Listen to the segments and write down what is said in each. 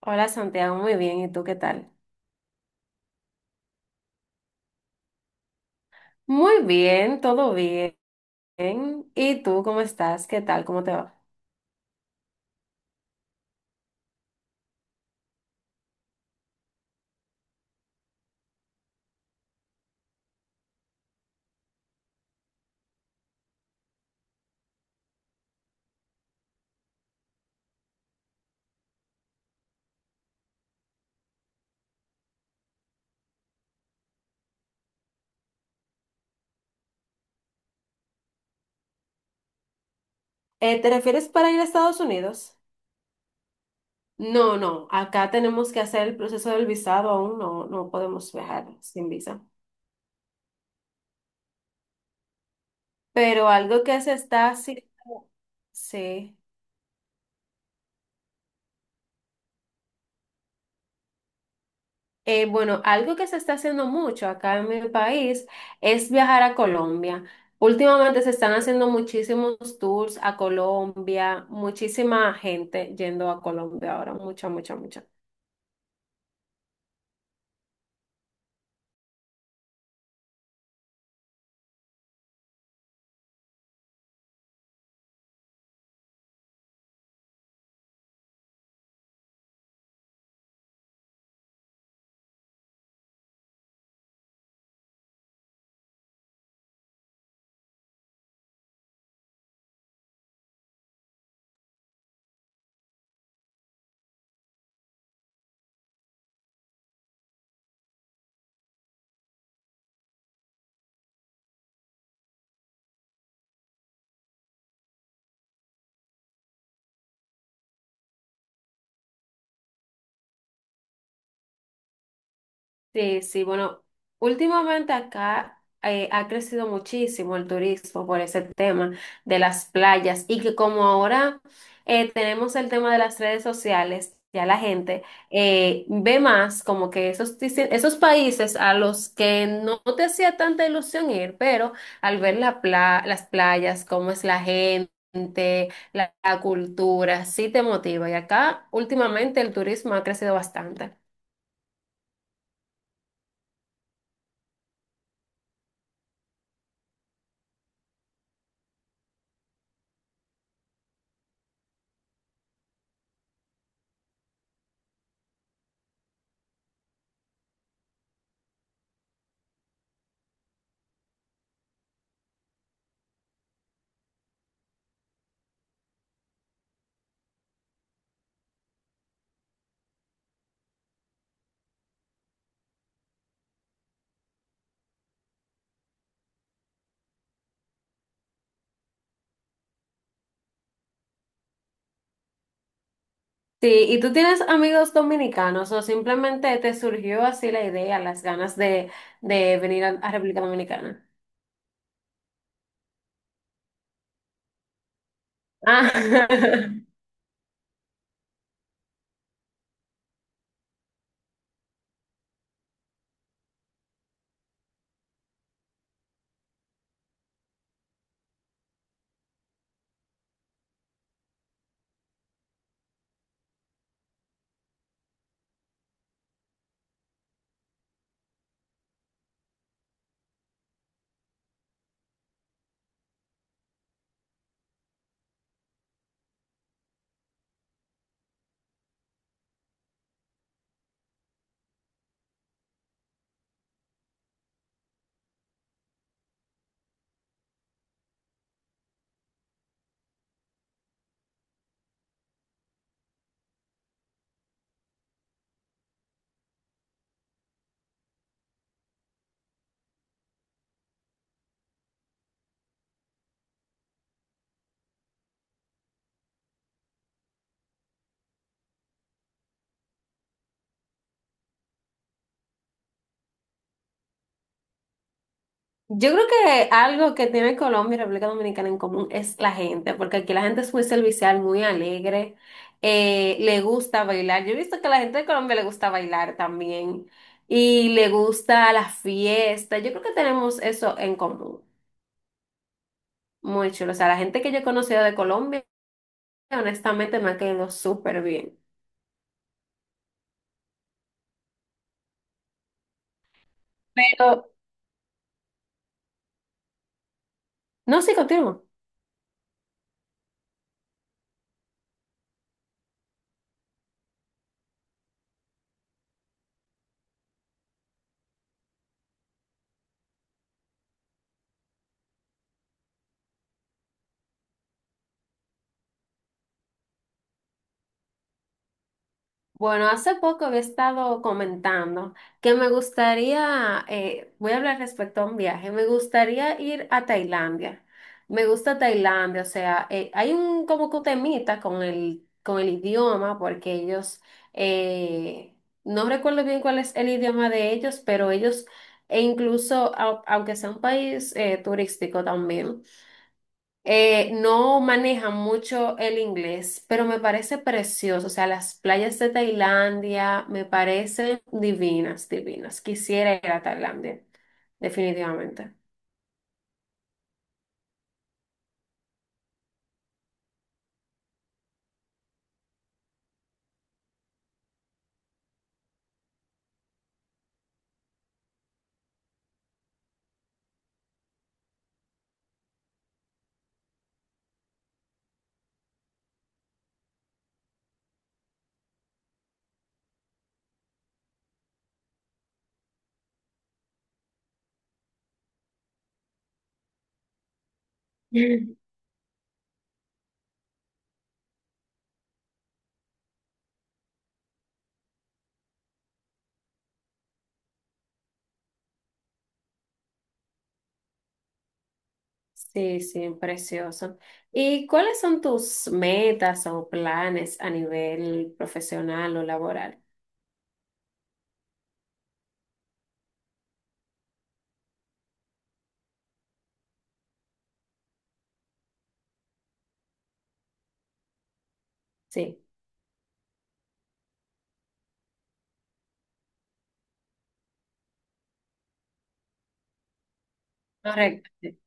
Hola Santiago, muy bien. ¿Y tú qué tal? Muy bien, todo bien. ¿Y tú cómo estás? ¿Qué tal? ¿Cómo te va? ¿Te refieres para ir a Estados Unidos? No, no, acá tenemos que hacer el proceso del visado aún, no, no podemos viajar sin visa. Pero algo que se está haciendo, sí. Bueno, algo que se está haciendo mucho acá en mi país es viajar a Colombia. Últimamente se están haciendo muchísimos tours a Colombia, muchísima gente yendo a Colombia ahora, mucha, mucha, mucha. Sí, sí, bueno, últimamente acá ha crecido muchísimo el turismo por ese tema de las playas y que como ahora tenemos el tema de las redes sociales, ya la gente ve más como que esos, esos países a los que no te hacía tanta ilusión ir, pero al ver las playas, cómo es la gente. La cultura sí te motiva y acá últimamente el turismo ha crecido bastante. Sí, ¿y tú tienes amigos dominicanos o simplemente te surgió así la idea, las ganas de venir a República Dominicana? Ah, yo creo que algo que tiene Colombia y República Dominicana en común es la gente, porque aquí la gente es muy servicial, muy alegre, le gusta bailar. Yo he visto que a la gente de Colombia le gusta bailar también y le gusta la fiesta. Yo creo que tenemos eso en común, muy chulo. O sea, la gente que yo he conocido de Colombia, honestamente, me ha quedado súper bien. Pero, no, sí, continúo. Bueno, hace poco había estado comentando que me gustaría, voy a hablar respecto a un viaje, me gustaría ir a Tailandia. Me gusta Tailandia, o sea, hay un como que un temita con el idioma, porque ellos, eh, no recuerdo bien cuál es el idioma de ellos, pero ellos, e incluso, aunque sea un país turístico también. No manejan mucho el inglés, pero me parece precioso. O sea, las playas de Tailandia me parecen divinas, divinas. Quisiera ir a Tailandia, definitivamente. Sí, sí, precioso. ¿Y cuáles son tus metas o planes a nivel profesional o laboral? Sí, correcto. Sí.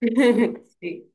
Sí.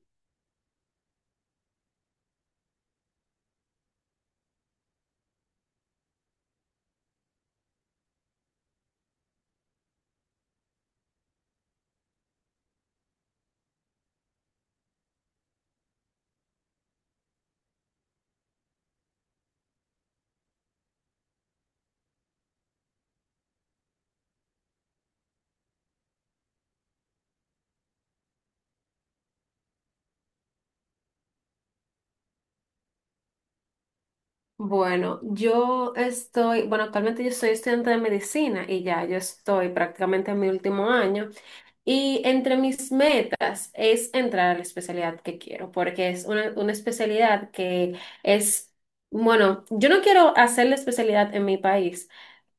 Bueno, yo estoy, bueno, actualmente yo soy estudiante de medicina y ya yo estoy prácticamente en mi último año. Y entre mis metas es entrar a la especialidad que quiero, porque es una especialidad que es, bueno, yo no quiero hacer la especialidad en mi país,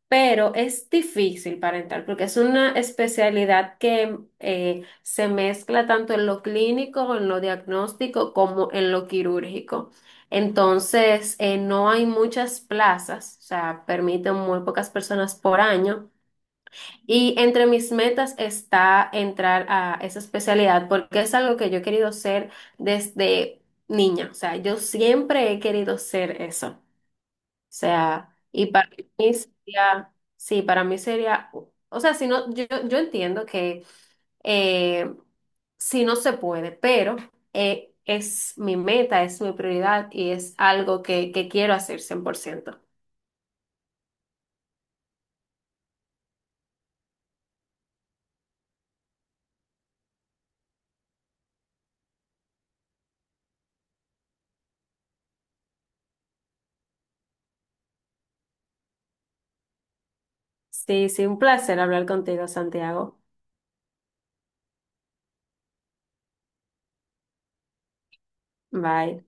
pero es difícil para entrar, porque es una especialidad que se mezcla tanto en lo clínico, en lo diagnóstico, como en lo quirúrgico. Entonces, no hay muchas plazas, o sea, permiten muy pocas personas por año. Y entre mis metas está entrar a esa especialidad porque es algo que yo he querido ser desde niña. O sea, yo siempre he querido ser eso. O sea, y para mí sería, sí, para mí sería, o sea, si no, yo entiendo que eh, si no se puede, pero es mi meta, es mi prioridad y es algo que quiero hacer 100%. Sí, sí, un placer hablar contigo, Santiago. Bye.